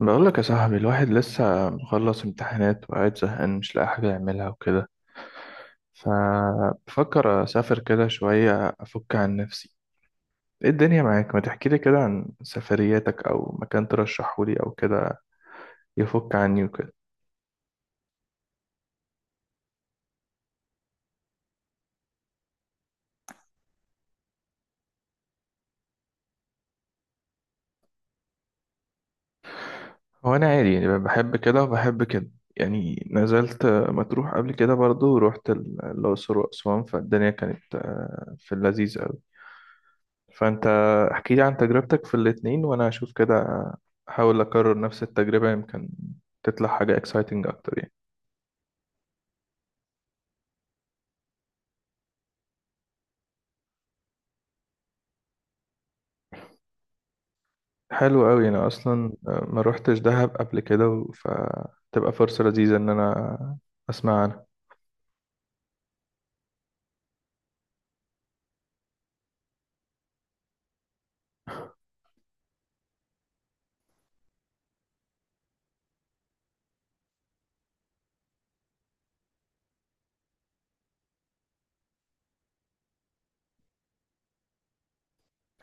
بقول لك يا صاحبي، الواحد لسه مخلص امتحانات وقاعد زهقان، مش لاقي حاجة يعملها وكده. فبفكر أسافر كده شوية أفك عن نفسي. إيه الدنيا معاك؟ ما تحكي لي كده عن سفرياتك أو مكان ترشحه لي أو كده يفك عني وكده. هو أنا عادي يعني، بحب كده وبحب كده. يعني نزلت مطروح قبل كده برضو، ورحت الأقصر وأسوان، فالدنيا كانت في اللذيذ. فانت احكي لي عن تجربتك في الاتنين وانا هشوف كده. احاول اكرر نفس التجربة يمكن تطلع حاجة اكسايتنج اكتر يعني. حلو قوي، انا اصلا ما روحتش دهب قبل كده فتبقى فرصة لذيذة ان انا اسمع عنها.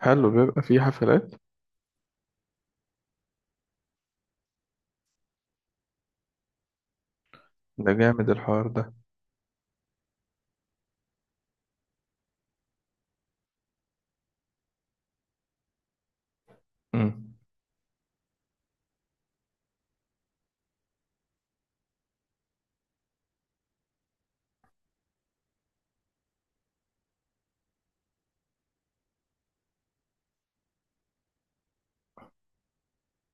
حلو، بيبقى في حفلات. ده جامد الحوار ده. امم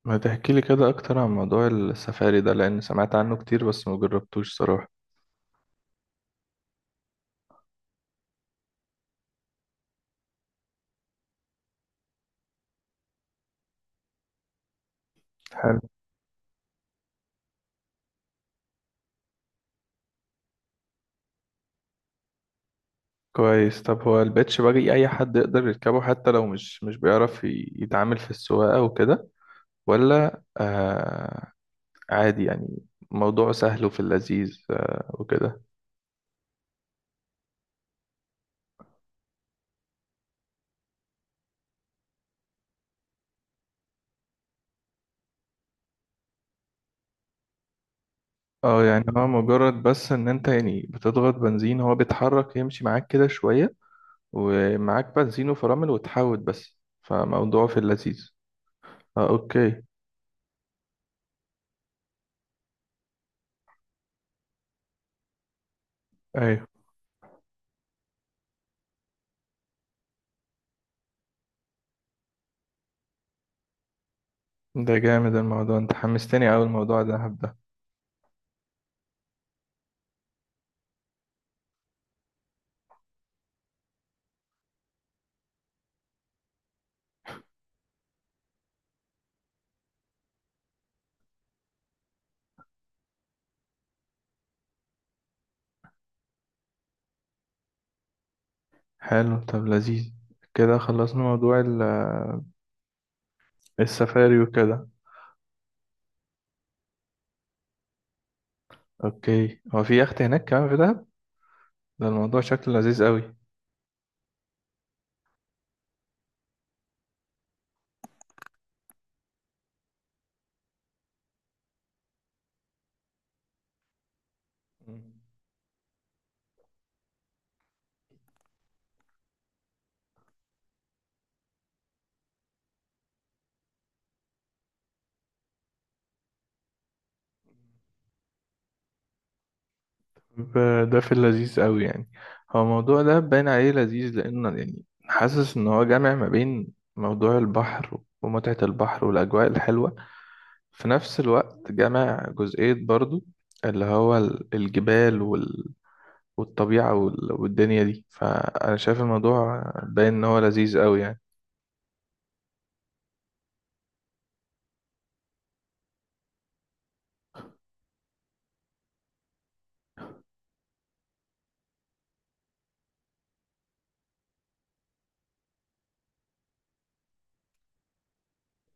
ما تحكي لي كده اكتر عن موضوع السفاري ده، لان سمعت عنه كتير بس ما جربتوش صراحة. حلو. كويس. طب هو البيتش باجي اي حد يقدر يركبه حتى لو مش بيعرف يتعامل في السواقة وكده؟ ولا آه؟ عادي يعني، موضوع سهل وفي اللذيذ آه وكده. اه، يعني هو مجرد بس ان انت يعني بتضغط بنزين هو بيتحرك يمشي معاك كده شوية. ومعاك بنزين وفرامل وتحاوت بس، فموضوع في اللذيذ. اه، اوكي. ايوه. ده جامد الموضوع، انت حمستني اوي الموضوع ده، هبدأ. حلو طب، لذيذ كده. خلصنا موضوع السفاري وكده. اوكي، هو في يخت هناك كمان في دهب؟ ده الموضوع شكله لذيذ قوي. ده في اللذيذ قوي يعني. هو الموضوع ده باين عليه لذيذ، لأنه يعني حاسس إن هو جامع ما بين موضوع البحر ومتعة البحر والأجواء الحلوة، في نفس الوقت جامع جزئية برضو اللي هو الجبال والطبيعة والدنيا دي. فأنا شايف الموضوع باين إن هو لذيذ قوي يعني.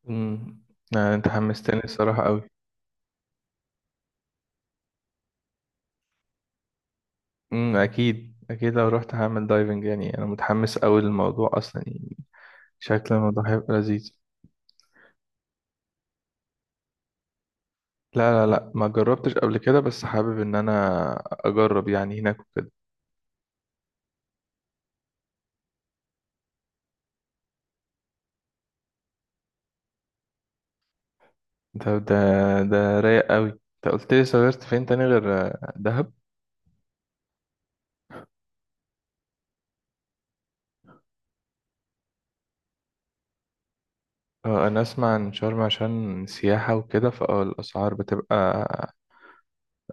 امم يعني أنت حمستني الصراحة قوي. أكيد أكيد، لو رحت هعمل دايفنج، يعني أنا متحمس قوي للموضوع أصلا يعني. شكل الموضوع هيبقى لذيذ. لا لا لا، ما جربتش قبل كده، بس حابب ان انا اجرب يعني هناك وكده. ده ده ده رايق قوي. انت قلت لي سافرت فين تاني غير دهب؟ انا اسمع عن شرم عشان سياحة وكده، فاه الاسعار بتبقى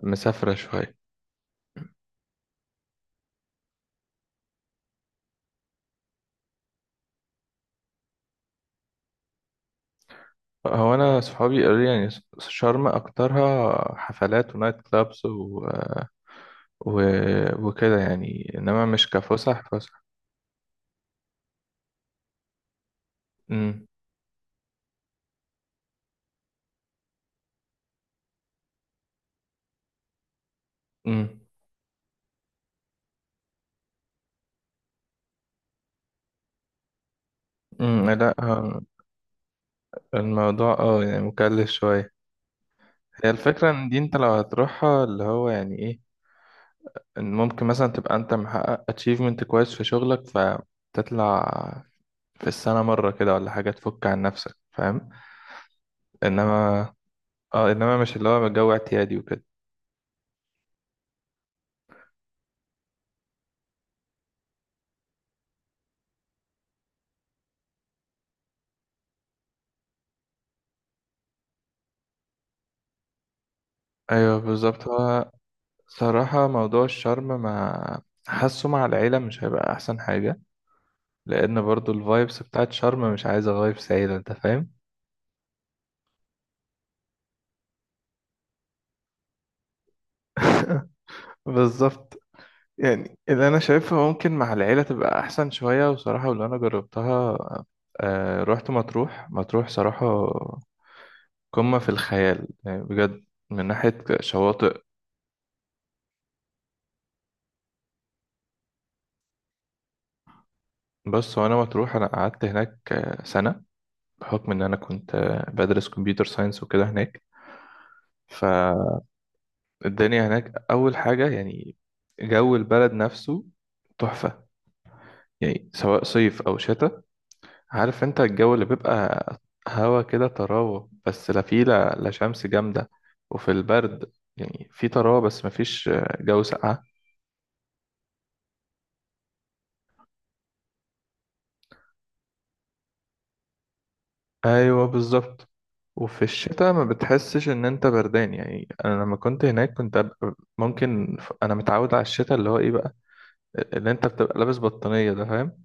مسافرة شوية. هو انا صحابي قالوا لي يعني شرم اكترها حفلات ونايت كلابس و... وكده يعني، انما مش كفسح فسح. امم. امم. لا. الموضوع، يعني مكلف شوية. هي الفكرة إن دي، أنت لو هتروحها اللي هو يعني إيه، إن ممكن مثلا تبقى أنت محقق achievement كويس في شغلك فتطلع في السنة مرة كده ولا حاجة تفك عن نفسك، فاهم؟ إنما إنما مش اللي هو جو اعتيادي وكده. أيوه بالظبط هو. صراحة موضوع الشرم ما حاسه مع العيلة مش هيبقى أحسن حاجة، لأن برضو الفايبس بتاعت شرم مش عايزة فايبس عيلة، أنت فاهم؟ بالظبط. يعني اللي انا شايفها ممكن مع العيله تبقى احسن شويه، وصراحه واللي انا جربتها، آه رحت مطروح. مطروح صراحه قمه في الخيال يعني بجد، من ناحيه شواطئ. بص، وانا مطروح انا قعدت هناك سنه. بحكم ان انا كنت بدرس كمبيوتر ساينس وكده هناك. فالدنيا هناك، اول حاجه يعني جو البلد نفسه تحفه. يعني سواء صيف او شتاء، عارف انت الجو اللي بيبقى هوا كده طراوة بس، لا فيه لا شمس جامدة وفي البرد. يعني في طراوة بس مفيش جو ساقعة. ايوه بالظبط. وفي الشتاء ما بتحسش ان انت بردان. يعني انا لما كنت هناك كنت أبقى ممكن انا متعود على الشتاء اللي هو ايه بقى، اللي انت بتبقى لابس بطانية ده، فاهم؟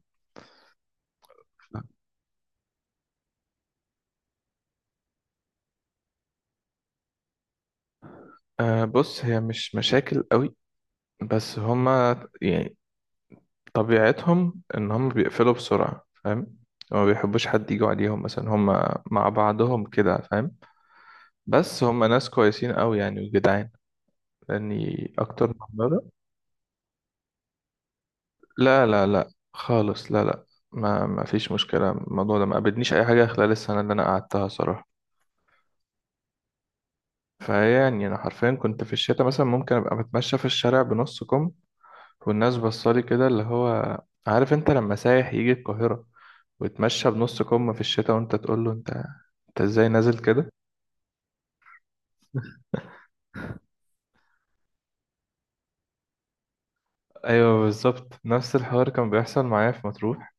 أه، بص هي مش مشاكل قوي، بس هما يعني طبيعتهم ان هم بيقفلوا بسرعة، فاهم؟ هما ما بيحبوش حد يجوا عليهم مثلا، هم مع بعضهم كده، فاهم؟ بس هم ناس كويسين قوي يعني، وجدعان. لاني اكتر من مرة. لا لا لا خالص، لا لا. ما فيش مشكلة، الموضوع ده ما قابلنيش اي حاجة خلال السنة اللي انا قعدتها صراحة. فيعني انا حرفيا كنت في الشتاء مثلا ممكن ابقى بتمشى في الشارع بنص كم، والناس بصالي كده اللي هو، عارف انت لما سايح يجي القاهرة وتمشى بنص كم في الشتاء، وانت تقول له انت، انت ازاي نازل كده؟ ايوه بالظبط، نفس الحوار كان بيحصل معايا في مطروح.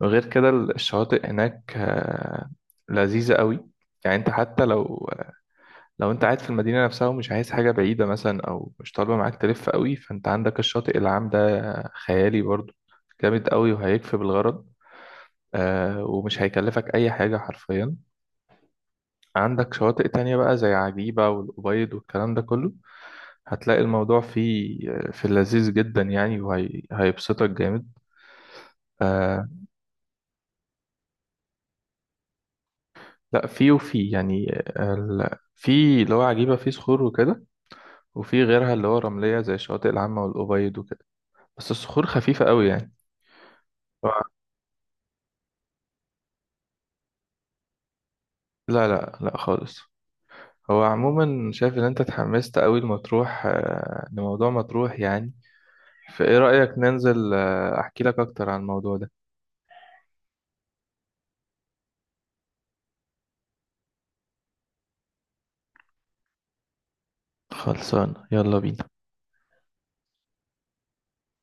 وغير كده الشواطئ هناك لذيذة قوي يعني. انت حتى لو، لو انت قاعد في المدينة نفسها ومش عايز حاجة بعيدة مثلا، او مش طالبة معاك تلف قوي، فانت عندك الشاطئ العام ده، خيالي برضو، جامد قوي وهيكفي بالغرض، ومش هيكلفك اي حاجة حرفيا. عندك شواطئ تانية بقى زي عجيبة والأبيض والكلام ده كله، هتلاقي الموضوع فيه في اللذيذ جدا يعني، وهيبسطك جامد. آه، لا فيه وفيه يعني. في اللي هو عجيبة فيه صخور وكده، وفي غيرها اللي هو رملية زي الشواطئ العامة والأبيض وكده. بس الصخور خفيفة قوي يعني. هو- لا لا لا خالص. هو عموما شايف ان انت اتحمست قوي لمطروح لموضوع مطروح يعني. فايه رأيك ننزل احكي لك اكتر عن الموضوع ده؟ خلصان، يلا بينا.